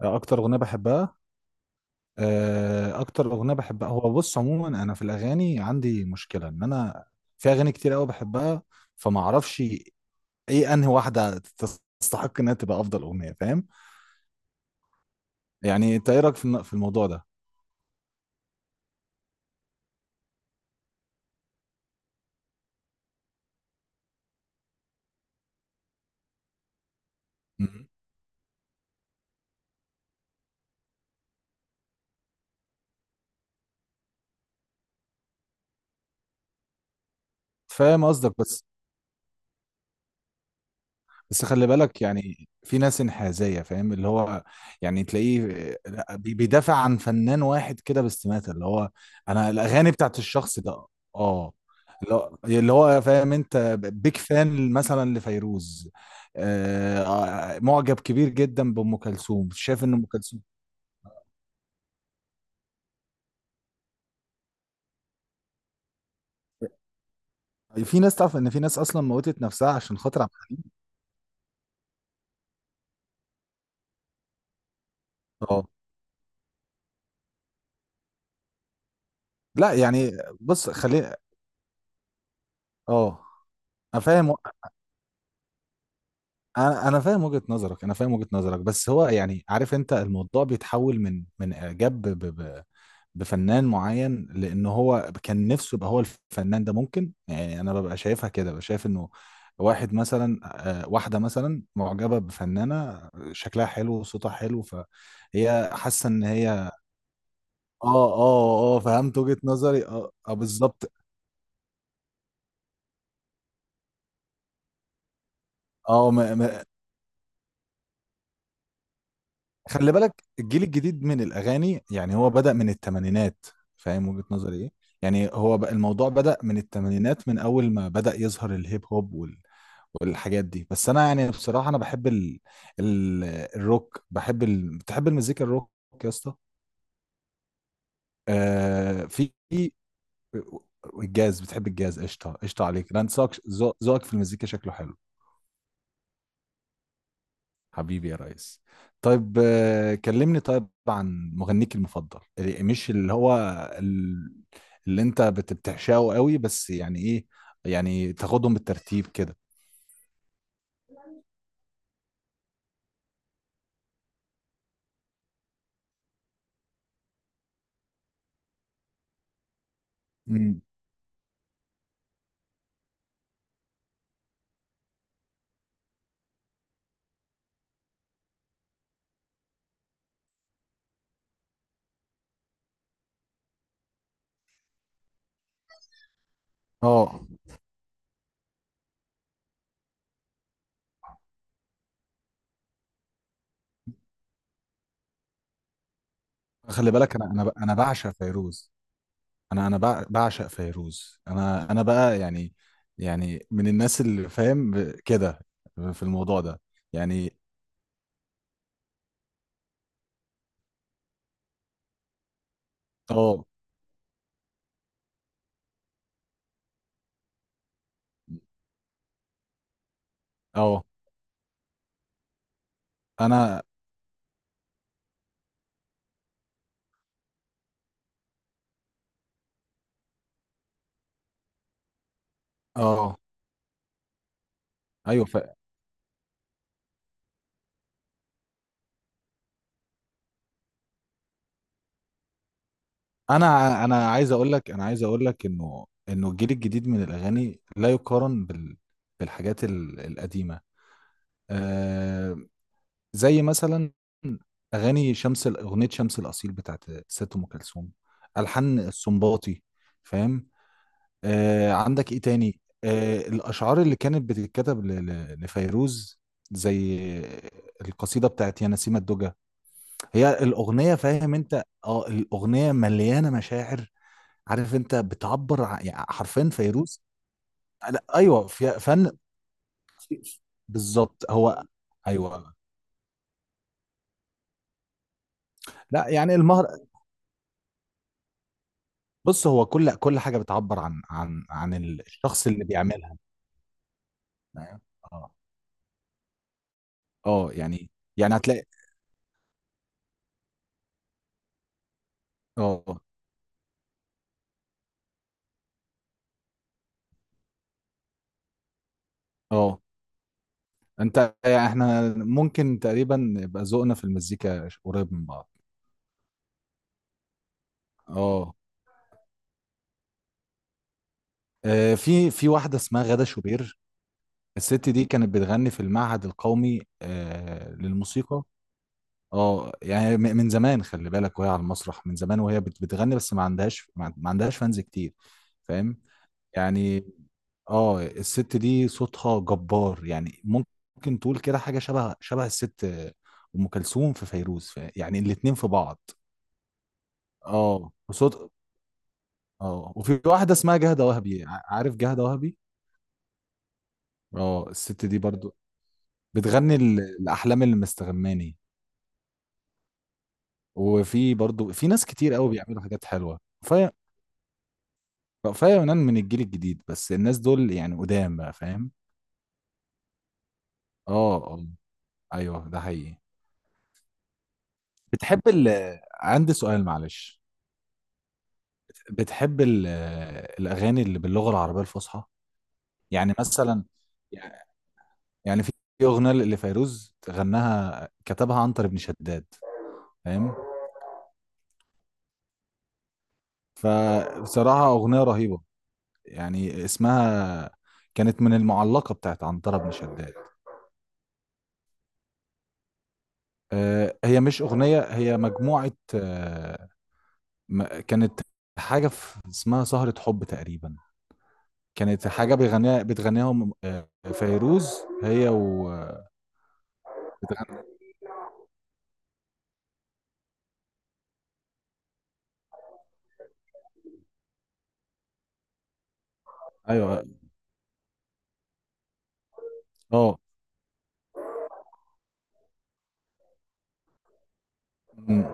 اكتر اغنيه بحبها. اكتر اغنيه بحبها، هو بص، عموما انا في الاغاني عندي مشكله ان انا في اغاني كتير قوي بحبها، فما اعرفش ايه انهي واحده تستحق انها تبقى افضل اغنيه، فاهم؟ يعني انت ايه رايك في في الموضوع ده؟ مهم. فاهم قصدك، بس خلي بالك، يعني في ناس انحازية، فاهم؟ اللي هو يعني تلاقيه، لا، بيدافع عن فنان واحد كده باستماتة، اللي هو انا الاغاني بتاعت الشخص ده، اه، اللي هو فاهم انت، بيك فان مثلا لفيروز. آه معجب كبير جدا بأم كلثوم، شايف ان ام كلثوم يعني في ناس، تعرف ان في ناس اصلا موتت نفسها عشان خاطر عبد الحليم. اه، لا يعني، بص، خلي، اه. انا فاهم، انا فاهم وجهة نظرك، انا فاهم وجهة نظرك، بس هو يعني، عارف انت الموضوع بيتحول من اعجاب بفنان معين لان هو كان نفسه يبقى هو الفنان ده، ممكن يعني انا ببقى شايفها كده، ببقى شايف انه واحد مثلا، واحده مثلا معجبه بفنانه شكلها حلو وصوتها حلو، فهي حاسه ان هي اه، اه، اه، فهمت وجهة نظري، اه، آه، بالظبط. اه، خلي بالك الجيل الجديد من الأغاني يعني هو بدأ من الثمانينات، فاهم وجهة نظري إيه؟ يعني هو بقى الموضوع بدأ من الثمانينات، من أول ما بدأ يظهر الهيب هوب والحاجات دي. بس أنا يعني بصراحة أنا بحب الروك، بحب بتحب المزيكا الروك يا اسطى؟ في الجاز، بتحب الجاز؟ قشطة قشطة عليك، أنا ذوقك، ذوقك في المزيكا شكله حلو، حبيبي يا ريس. طيب، كلمني طيب عن مغنيك المفضل، مش اللي هو ال- اللي انت بتعشقه قوي، بس يعني ايه، يعني تاخدهم بالترتيب كده. مم. اه، خلي بالك، انا بعشق فيروز، بعشق فيروز، انا بقى يعني، يعني من الناس اللي فاهم كده في الموضوع ده يعني. اه، اه، انا، اه، ايوه. انا عايز اقول لك، انا عايز اقول لك انه الجيل الجديد من الاغاني لا يقارن بالحاجات القديمه. آه زي مثلا اغنيه شمس الاصيل بتاعت ست ام كلثوم، الحان السنباطي، فاهم. عندك ايه تاني؟ الاشعار اللي كانت بتتكتب لفيروز، زي القصيده بتاعت يا نسيم الدجى، هي الاغنيه، فاهم انت؟ اه، الاغنيه مليانه مشاعر، عارف انت، بتعبر يعني حرفيا فيروز. لا ايوه في فن، في- بالظبط هو، ايوه. لا يعني المهر، بص هو كل حاجه بتعبر عن الشخص اللي بيعملها. اه، اه، يعني هتلاقي، اه، اه. انت يعني احنا ممكن تقريبا يبقى ذوقنا في المزيكا قريب من بعض. اه. في واحده اسمها غادة شوبير، الست دي كانت بتغني في المعهد القومي للموسيقى. اه يعني من زمان، خلي بالك، وهي على المسرح من زمان، وهي بتغني، بس ما عندهاش ما ما عندهاش فانز كتير، فاهم؟ يعني اه. الست دي صوتها جبار، يعني ممكن تقول كده حاجة شبه شبه الست أم كلثوم في فيروز، يعني الاتنين في بعض. اه، اه وفي واحدة اسمها جهدة وهبي، عارف جهدة وهبي؟ اه الست دي برضو بتغني الأحلام اللي مستغماني، وفي برضو في ناس كتير قوي بيعملوا حاجات حلوة. رأفاية يونان من الجيل الجديد، بس الناس دول يعني قدام بقى، فاهم. اه، اه، ايوه ده حقيقي. بتحب ال عندي سؤال معلش، بتحب الأغاني اللي باللغة العربية الفصحى؟ يعني مثلا، يعني في أغنية اللي فيروز غناها، كتبها عنتر بن شداد، فاهم، فبصراحة أغنية رهيبة. يعني اسمها، كانت من المعلقة بتاعت عنتر بن شداد. هي مش أغنية، هي مجموعة، كانت حاجة في، اسمها سهرة حب تقريبا. كانت حاجة بتغنيها فيروز، هي و بتغني. ايوه، اه، أمم،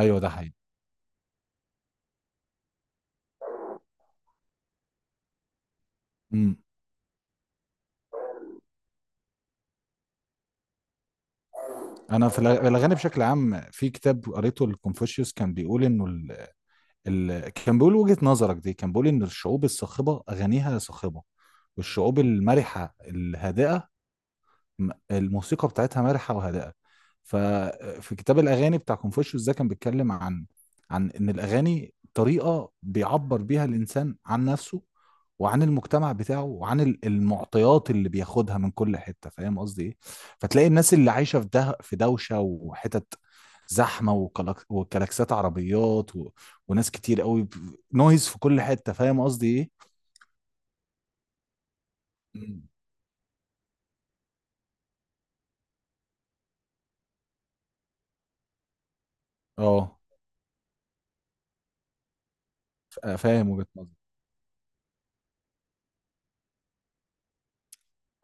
ايوه ده حقيقي. أمم. انا في الاغاني بشكل عام، في كتاب قريته لكونفوشيوس، كان بيقول انه كان بيقول وجهة نظرك دي، كان بيقول ان الشعوب الصاخبة اغانيها صاخبة، والشعوب المرحة الهادئة الموسيقى بتاعتها مرحه وهادئه. ففي كتاب الاغاني بتاع كونفوشيوس ده كان بيتكلم عن ان الاغاني طريقه بيعبر بيها الانسان عن نفسه، وعن المجتمع بتاعه، وعن المعطيات اللي بياخدها من كل حته، فاهم قصدي ايه؟ فتلاقي الناس اللي عايشه في ده، في دوشه وحتت زحمه، وكلاكسات عربيات وناس كتير قوي نويز في كل حته، فاهم قصدي ايه؟ مم. اه، فاهم وجهة نظرك.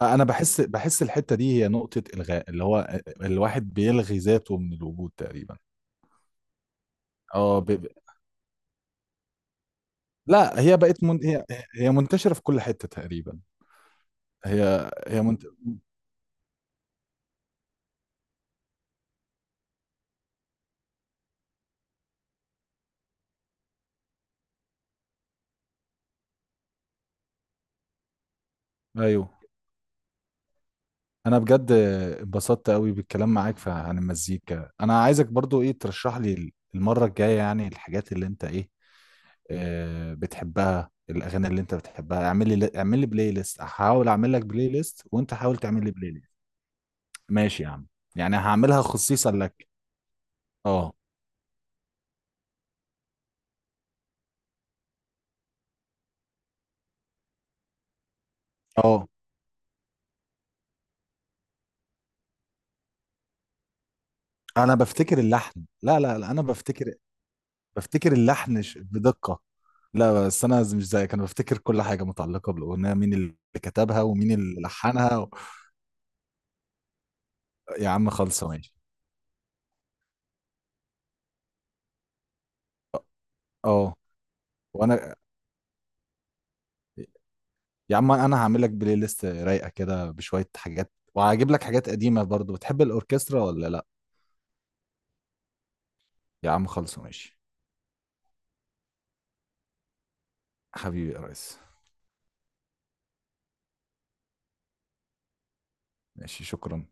انا بحس، الحته دي هي نقطه الغاء، اللي هو الواحد بيلغي ذاته من الوجود تقريبا. اه، لا، هي بقت من، هي، هي منتشره في كل حته تقريبا، هي منت، ايوه. انا بجد اتبسطت قوي بالكلام معاك عن المزيكا. انا عايزك برضو ايه، ترشح لي المره الجايه يعني الحاجات اللي انت ايه بتحبها، الاغاني اللي انت بتحبها. اعمل لي بلاي ليست، هحاول اعمل لك بلاي ليست، وانت حاول تعمل لي بلاي ليست. ماشي يا عم، يعني هعملها خصيصا لك. اه، اه، انا بفتكر اللحن. لا، لا، لا، انا بفتكر اللحن بدقة. لا، بس انا مش زيك، انا بفتكر كل حاجة متعلقة بالاغنية، مين اللي كتبها ومين اللي لحنها يا عم خلصة ماشي. اه، آه. وانا يا عم، انا هعمل لك بلاي ليست رايقة كده بشوية حاجات، وهجيب لك حاجات قديمة برضو. بتحب الاوركسترا ولا لا؟ يا عم خلصة ماشي. حبيبي يا ريس. ماشي، شكرا.